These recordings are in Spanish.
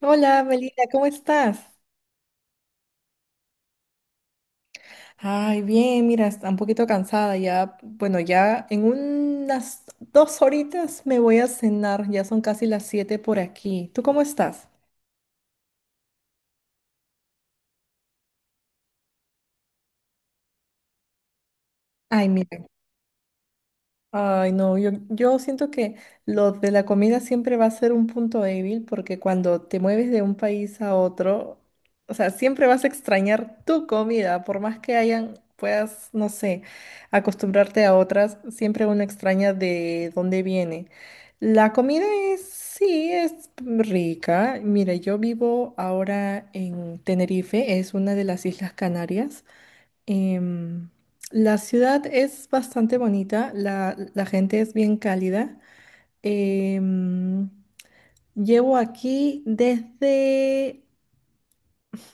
Hola, Melina, ¿cómo estás? Ay, bien, mira, está un poquito cansada ya. Bueno, ya en unas dos horitas me voy a cenar, ya son casi las 7 por aquí. ¿Tú cómo estás? Ay, mira. Ay, no, yo siento que lo de la comida siempre va a ser un punto débil porque cuando te mueves de un país a otro, o sea, siempre vas a extrañar tu comida, por más que hayan, puedas, no sé, acostumbrarte a otras, siempre uno extraña de dónde viene. La comida es, sí, es rica. Mira, yo vivo ahora en Tenerife, es una de las Islas Canarias. Em, la ciudad es bastante bonita, la gente es bien cálida. Em, Llevo aquí desde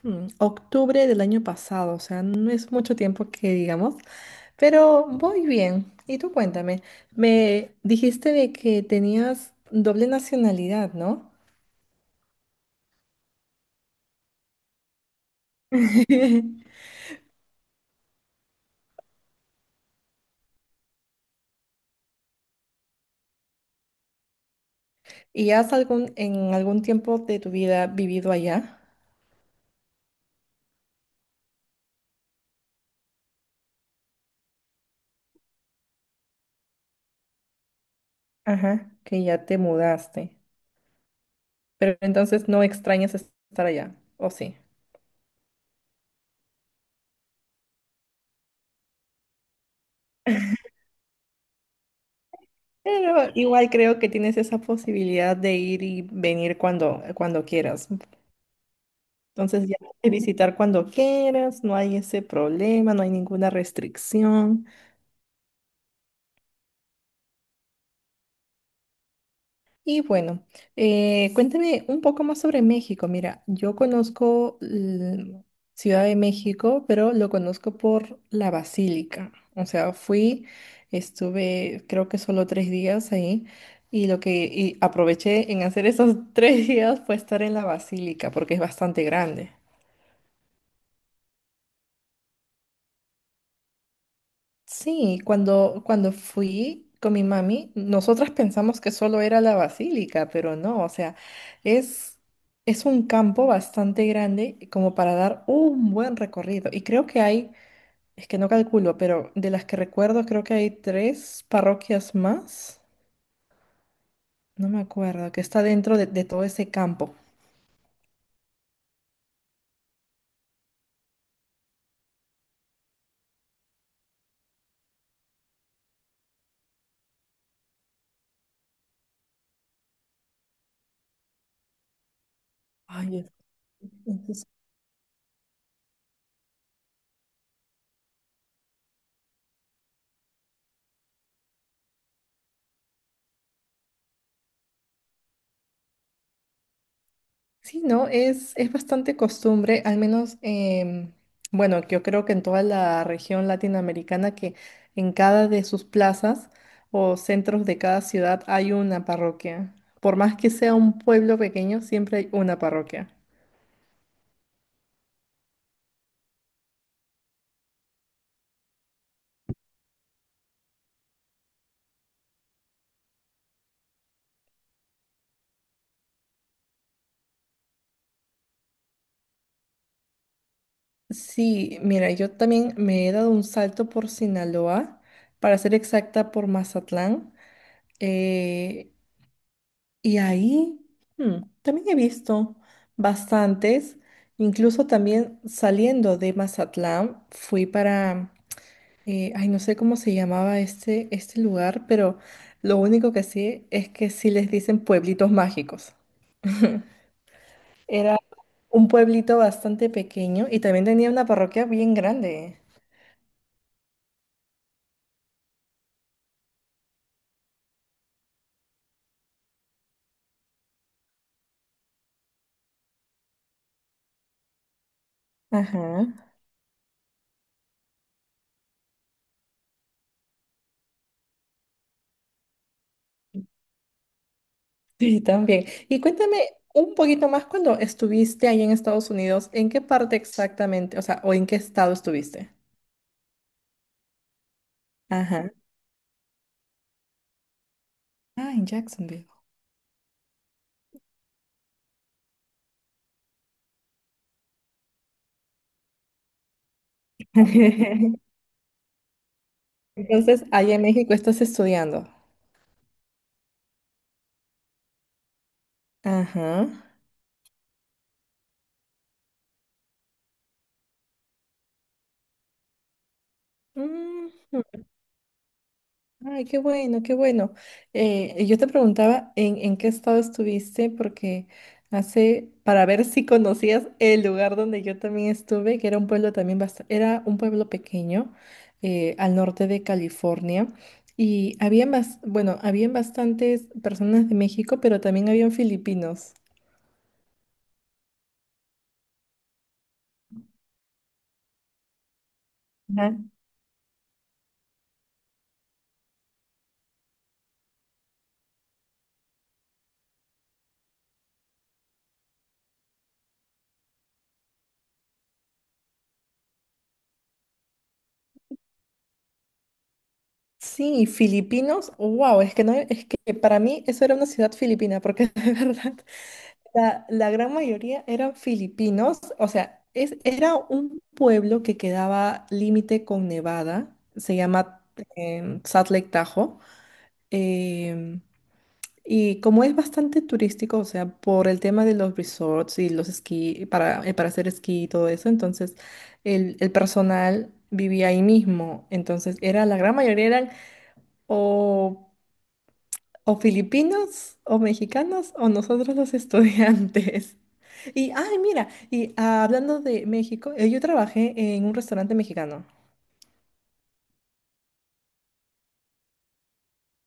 octubre del año pasado, o sea, no es mucho tiempo que digamos, pero voy bien. Y tú cuéntame, me dijiste de que tenías doble nacionalidad, ¿no? ¿Y en algún tiempo de tu vida vivido allá? Ajá, que ya te mudaste. Pero entonces no extrañas estar allá, ¿o sí? Pero igual creo que tienes esa posibilidad de ir y venir cuando quieras. Entonces ya puedes visitar cuando quieras, no hay ese problema, no hay ninguna restricción. Y bueno, cuéntame un poco más sobre México. Mira, yo conozco Ciudad de México, pero lo conozco por la Basílica. O sea, estuve creo que solo 3 días ahí y lo que y aproveché en hacer esos 3 días fue estar en la Basílica porque es bastante grande. Sí, cuando fui con mi mami, nosotras pensamos que solo era la basílica, pero no, o sea, es, es un campo bastante grande como para dar un buen recorrido. Y creo que hay, es que no calculo, pero de las que recuerdo, creo que hay tres parroquias más, no me acuerdo, que está dentro de todo ese campo. Ay, es- Sí, no, es bastante costumbre, al menos, bueno, yo creo que en toda la región latinoamericana, que en cada de sus plazas o centros de cada ciudad hay una parroquia. Por más que sea un pueblo pequeño, siempre hay una parroquia. Sí, mira, yo también me he dado un salto por Sinaloa, para ser exacta, por Mazatlán. Eh, Y ahí también he visto bastantes, incluso también saliendo de Mazatlán, fui para, ay, no sé cómo se llamaba este lugar, pero lo único que sí es que sí les dicen pueblitos mágicos. Era un pueblito bastante pequeño y también tenía una parroquia bien grande. Ajá. Sí, también. Y cuéntame un poquito más cuando estuviste ahí en Estados Unidos, ¿en qué parte exactamente, o sea, o en qué estado estuviste? Ah, en Jacksonville. Entonces, allá en México estás estudiando. Ajá. Mm. Ay, qué bueno, qué bueno. Yo te preguntaba en qué estado estuviste, porque para ver si conocías el lugar donde yo también estuve, que era un pueblo también bastante, era un pueblo pequeño al norte de California. Y habían, bueno, habían bastantes personas de México, pero también habían filipinos. Sí, filipinos, wow, es que no, es que para mí eso era una ciudad filipina, porque de verdad la gran mayoría eran filipinos, o sea, era un pueblo que quedaba límite con Nevada, se llama Salt Lake Tahoe, em, y como es bastante turístico, o sea, por el tema de los resorts y los esquí, para hacer esquí y todo eso, entonces el personal vivía ahí mismo, entonces era la gran mayoría eran o, o filipinos o mexicanos o nosotros los estudiantes. Y, ay, mira, y ah, hablando de México, yo trabajé en un restaurante mexicano.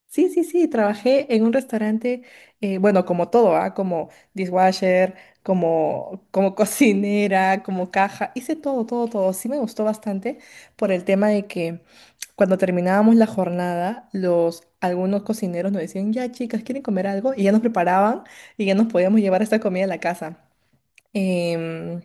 Sí, sí, sí, trabajé en un restaurante, bueno, como todo, ¿ah? Como dishwasher, como cocinera, como caja, hice todo, todo, todo. Sí me gustó bastante por el tema de que cuando terminábamos la jornada, algunos cocineros nos decían, ya chicas, ¿quieren comer algo? Y ya nos preparaban y ya nos podíamos llevar esta comida a la casa. Em,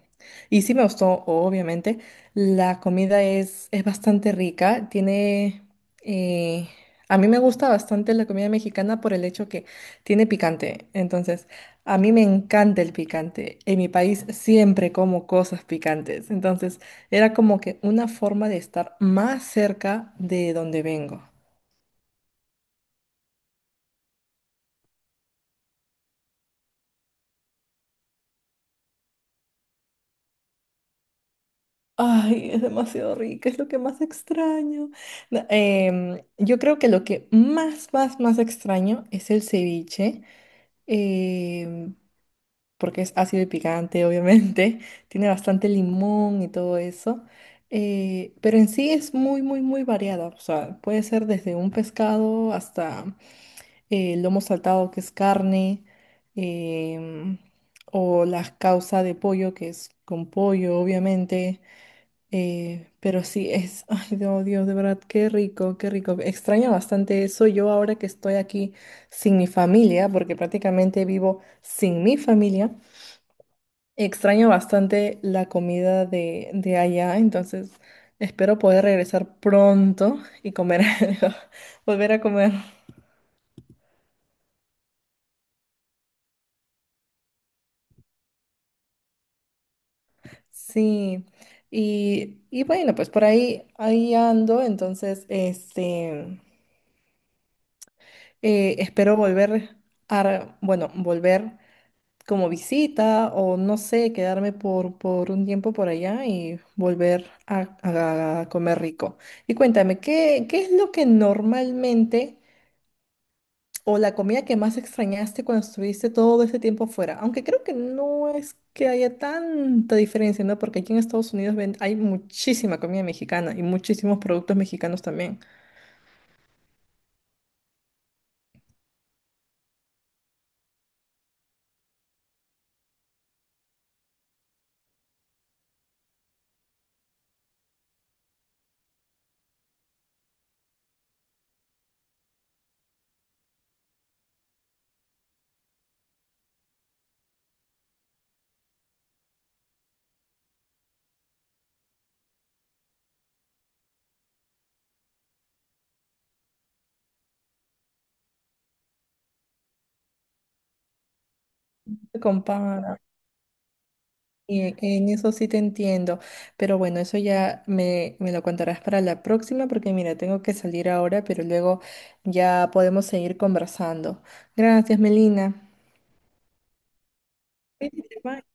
y sí me gustó, obviamente. La comida es bastante rica. Eh, a mí me gusta bastante la comida mexicana por el hecho que tiene picante. Entonces, a mí me encanta el picante. En mi país siempre como cosas picantes. Entonces, era como que una forma de estar más cerca de donde vengo. Ay, es demasiado rica, es lo que más extraño. No, yo creo que lo que más, más, más extraño es el ceviche, em, porque es ácido y picante, obviamente, tiene bastante limón y todo eso, pero en sí es muy, muy, muy variada, o sea, puede ser desde un pescado hasta lomo saltado, que es carne, em, o la causa de pollo, que es con pollo, obviamente pero sí, ay, no, Dios, de verdad, qué rico, qué rico. Extraño bastante eso yo ahora que estoy aquí sin mi familia, porque prácticamente vivo sin mi familia. Extraño bastante la comida de allá, entonces espero poder regresar pronto y comer algo, volver a comer. Sí, y bueno, pues por ahí, ahí ando, entonces, este, espero volver bueno, volver. Como visita o no sé, quedarme por un tiempo por allá y volver a comer rico. Y cuéntame, ¿qué es lo que normalmente o la comida que más extrañaste cuando estuviste todo ese tiempo fuera? Aunque creo que no es que haya tanta diferencia, ¿no? Porque aquí en Estados Unidos hay muchísima comida mexicana y muchísimos productos mexicanos también. Se compara. Bien, en eso sí te entiendo, pero bueno, eso ya me lo contarás para la próxima porque mira, tengo que salir ahora, pero luego ya podemos seguir conversando. Gracias, Melina. Cuídate, bye.